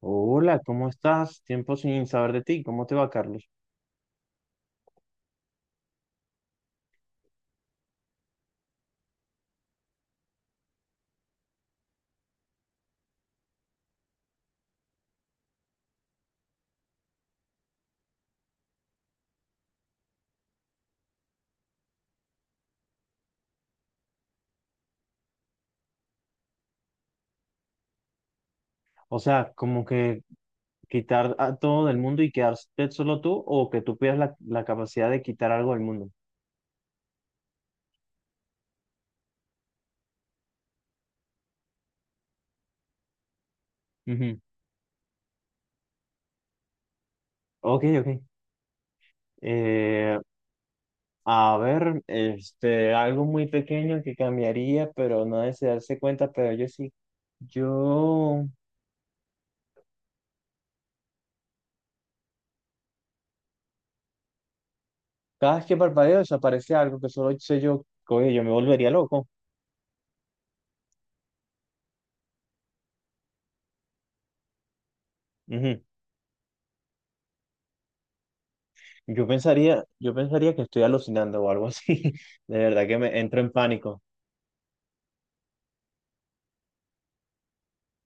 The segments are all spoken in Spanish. Hola, ¿cómo estás? Tiempo sin saber de ti. ¿Cómo te va, Carlos? O sea, como que quitar a todo del mundo y quedarte solo tú o que tú pierdas la capacidad de quitar algo del mundo. Ujú. Ok, ok. Eh, a ver, este, algo muy pequeño que cambiaría, pero nadie se darse cuenta, pero yo sí. Yo, cada vez que parpadeo desaparece algo que solo sé yo, oye, yo me volvería loco. Yo pensaría que estoy alucinando o algo así. De verdad que me entro en pánico.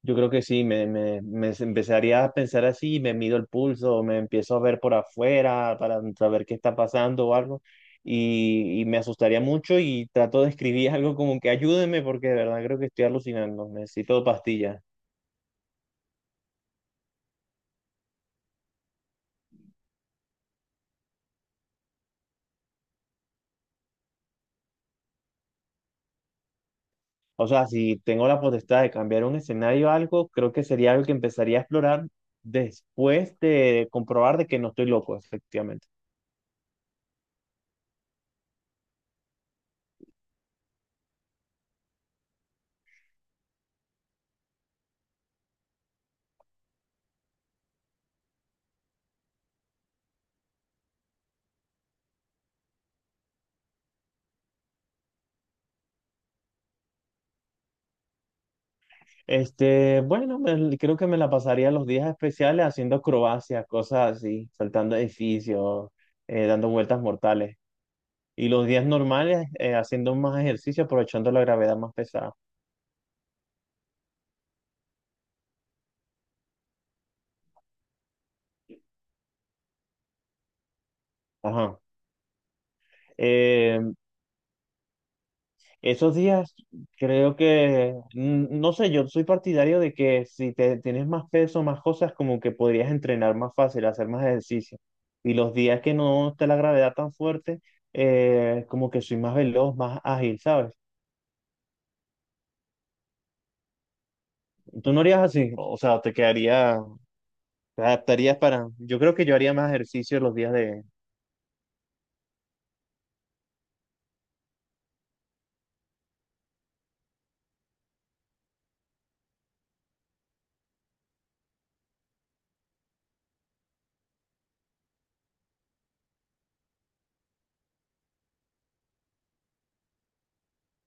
Yo creo que sí, me empezaría a pensar así, me mido el pulso, me empiezo a ver por afuera para saber qué está pasando o algo. Y me asustaría mucho y trato de escribir algo como que ayúdeme porque de verdad creo que estoy alucinando. Necesito pastillas. O sea, si tengo la potestad de cambiar un escenario o algo, creo que sería algo que empezaría a explorar después de comprobar de que no estoy loco, efectivamente. Este, bueno, creo que me la pasaría los días especiales haciendo acrobacias, cosas así, saltando edificios, dando vueltas mortales. Y los días normales, haciendo más ejercicio, aprovechando la gravedad más pesada. Ajá. Eh, Esos días, creo que, no sé, yo soy partidario de que si te tienes más peso, más cosas, como que podrías entrenar más fácil, hacer más ejercicio. Y los días que no esté la gravedad tan fuerte, como que soy más veloz, más ágil, ¿sabes? Tú no harías así, o sea, te quedaría, te adaptarías para. Yo creo que yo haría más ejercicio los días de.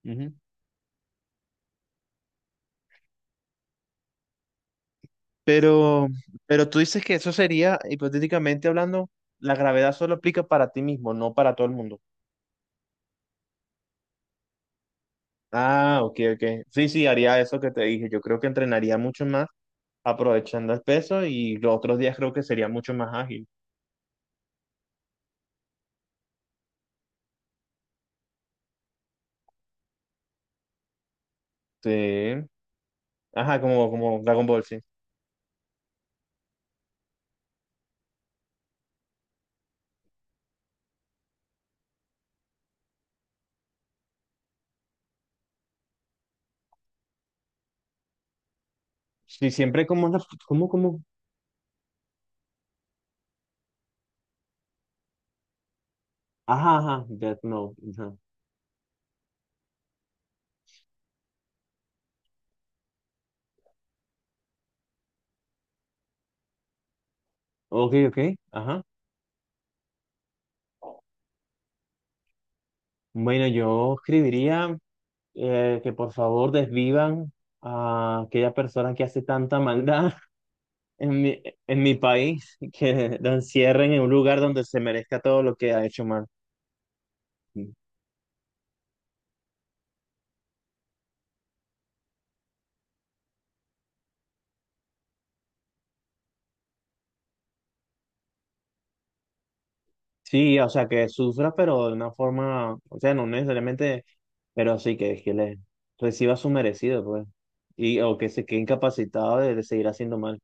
Ujú. Pero, pero tú dices que eso sería, hipotéticamente hablando, la gravedad solo aplica para ti mismo, no para todo el mundo. Ah, ok, ok. Sí, sí, haría eso que te dije. Yo creo que entrenaría mucho más aprovechando el peso y los otros días creo que sería mucho más ágil. Sí. Ajá, como Dragon Ball, sí. Sí, siempre como una, como. Ajá, ajá, Death Note. Ajá. Ok, ok. Ajá. Bueno, yo escribiría que por favor desvivan a aquella persona que hace tanta maldad en mi país, que lo encierren en un lugar donde se merezca todo lo que ha hecho mal. Sí, o sea, que sufra, pero de una forma, o sea, no necesariamente, pero sí que le reciba su merecido, pues, y o que se quede incapacitado de seguir haciendo mal.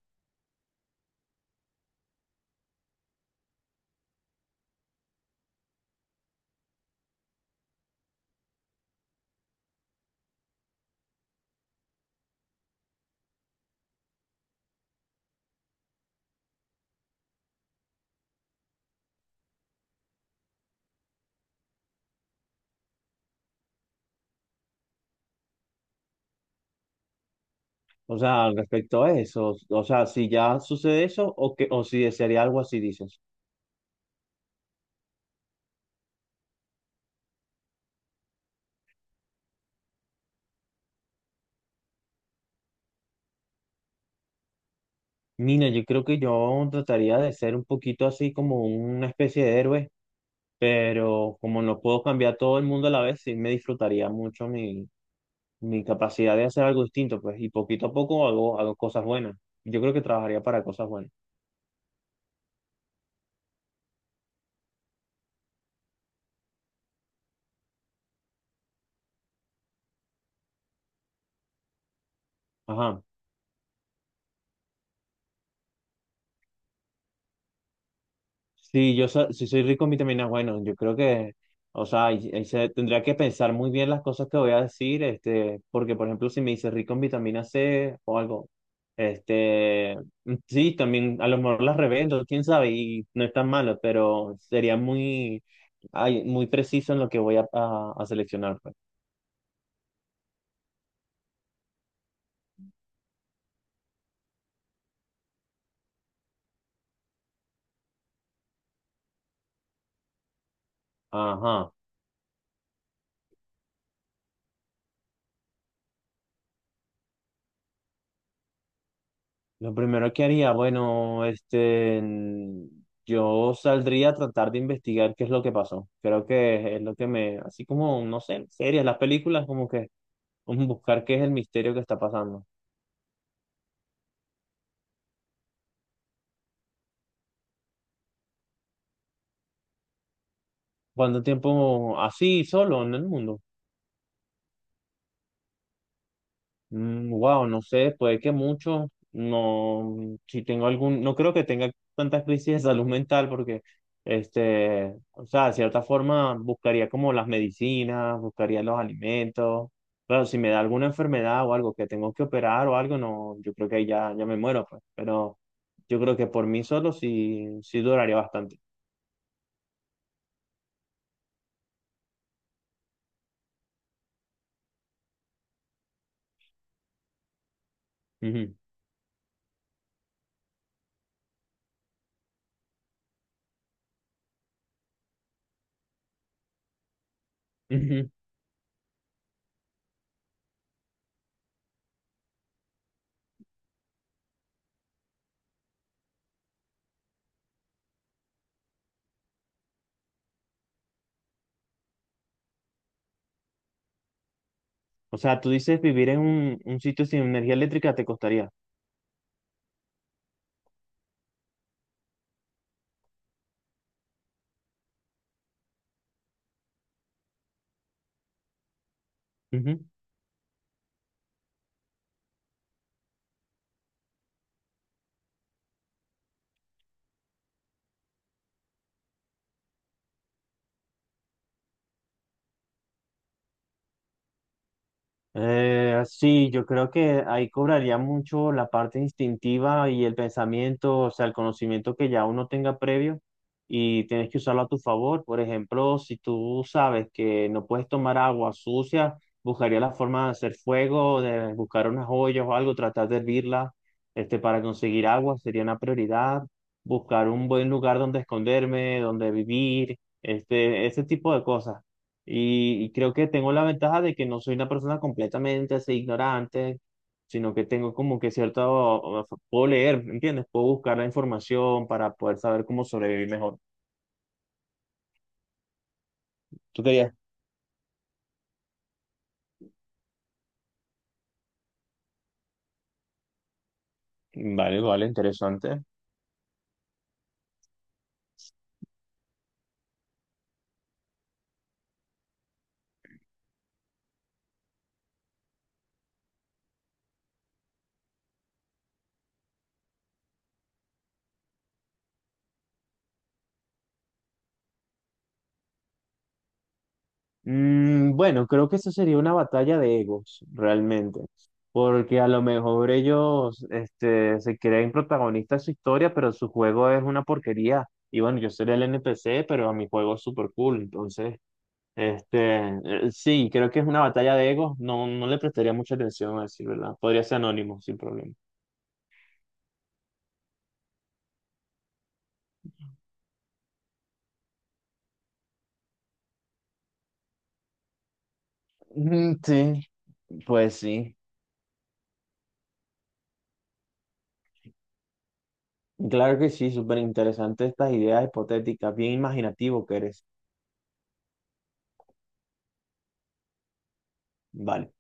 O sea, respecto a eso, o sea, si ya sucede eso o que o si desearía algo así, dices. Mira, yo creo que yo trataría de ser un poquito así como una especie de héroe, pero como no puedo cambiar todo el mundo a la vez, sí me disfrutaría mucho mi capacidad de hacer algo distinto, pues, y poquito a poco hago cosas buenas. Yo creo que trabajaría para cosas buenas. Ajá. Sí, si soy rico en vitaminas, bueno, yo creo que, o sea, ahí se, tendría que pensar muy bien las cosas que voy a decir, este, porque por ejemplo, si me dice rico en vitamina C o algo, este, mm, sí, también a lo mejor las revendo, quién sabe, y no es tan malo, pero sería muy, ay, muy preciso en lo que voy a seleccionar, pues. Ajá. Lo primero que haría, bueno, este, mm, yo saldría a tratar de investigar qué es lo que pasó. Creo que es lo que me, así como, no sé, series, las películas, como que buscar qué es el misterio que está pasando. ¿Cuánto tiempo así, solo en el mundo? Wow, no sé, puede que mucho. No, si tengo algún, no creo que tenga tantas crisis de salud mental porque, este, o sea, de cierta forma buscaría como las medicinas, buscaría los alimentos. Claro, si me da alguna enfermedad o algo que tengo que operar o algo, no, yo creo que ahí ya, ya me muero, pues. Pero yo creo que por mí solo sí, sí duraría bastante. Ujú, ujú. O sea, tú dices vivir en un sitio sin energía eléctrica te costaría. Sí, yo creo que ahí cobraría mucho la parte instintiva y el pensamiento, o sea, el conocimiento que ya uno tenga previo y tienes que usarlo a tu favor. Por ejemplo, si tú sabes que no puedes tomar agua sucia, buscaría la forma de hacer fuego, de buscar unas ollas o algo, tratar de hervirla, este, para conseguir agua sería una prioridad. Buscar un buen lugar donde esconderme, donde vivir, este, ese tipo de cosas. Y creo que tengo la ventaja de que no soy una persona completamente así ignorante, sino que tengo como que cierto, puedo leer, ¿me ¿entiendes? Puedo buscar la información para poder saber cómo sobrevivir mejor. ¿Tú querías? Vale, vale, interesante. Mm, bueno, creo que eso sería una batalla de egos, realmente, porque a lo mejor ellos, este, se creen protagonistas de su historia, pero su juego es una porquería. Y bueno, yo sería el NPC, pero a mi juego es súper cool, entonces... Este, sí, creo que es una batalla de egos. No, no le prestaría mucha atención a decir verdad. Podría ser anónimo, sin problema. Mm, sí, pues sí. Claro que sí, súper interesante estas ideas hipotéticas. Bien imaginativo que eres. Vale.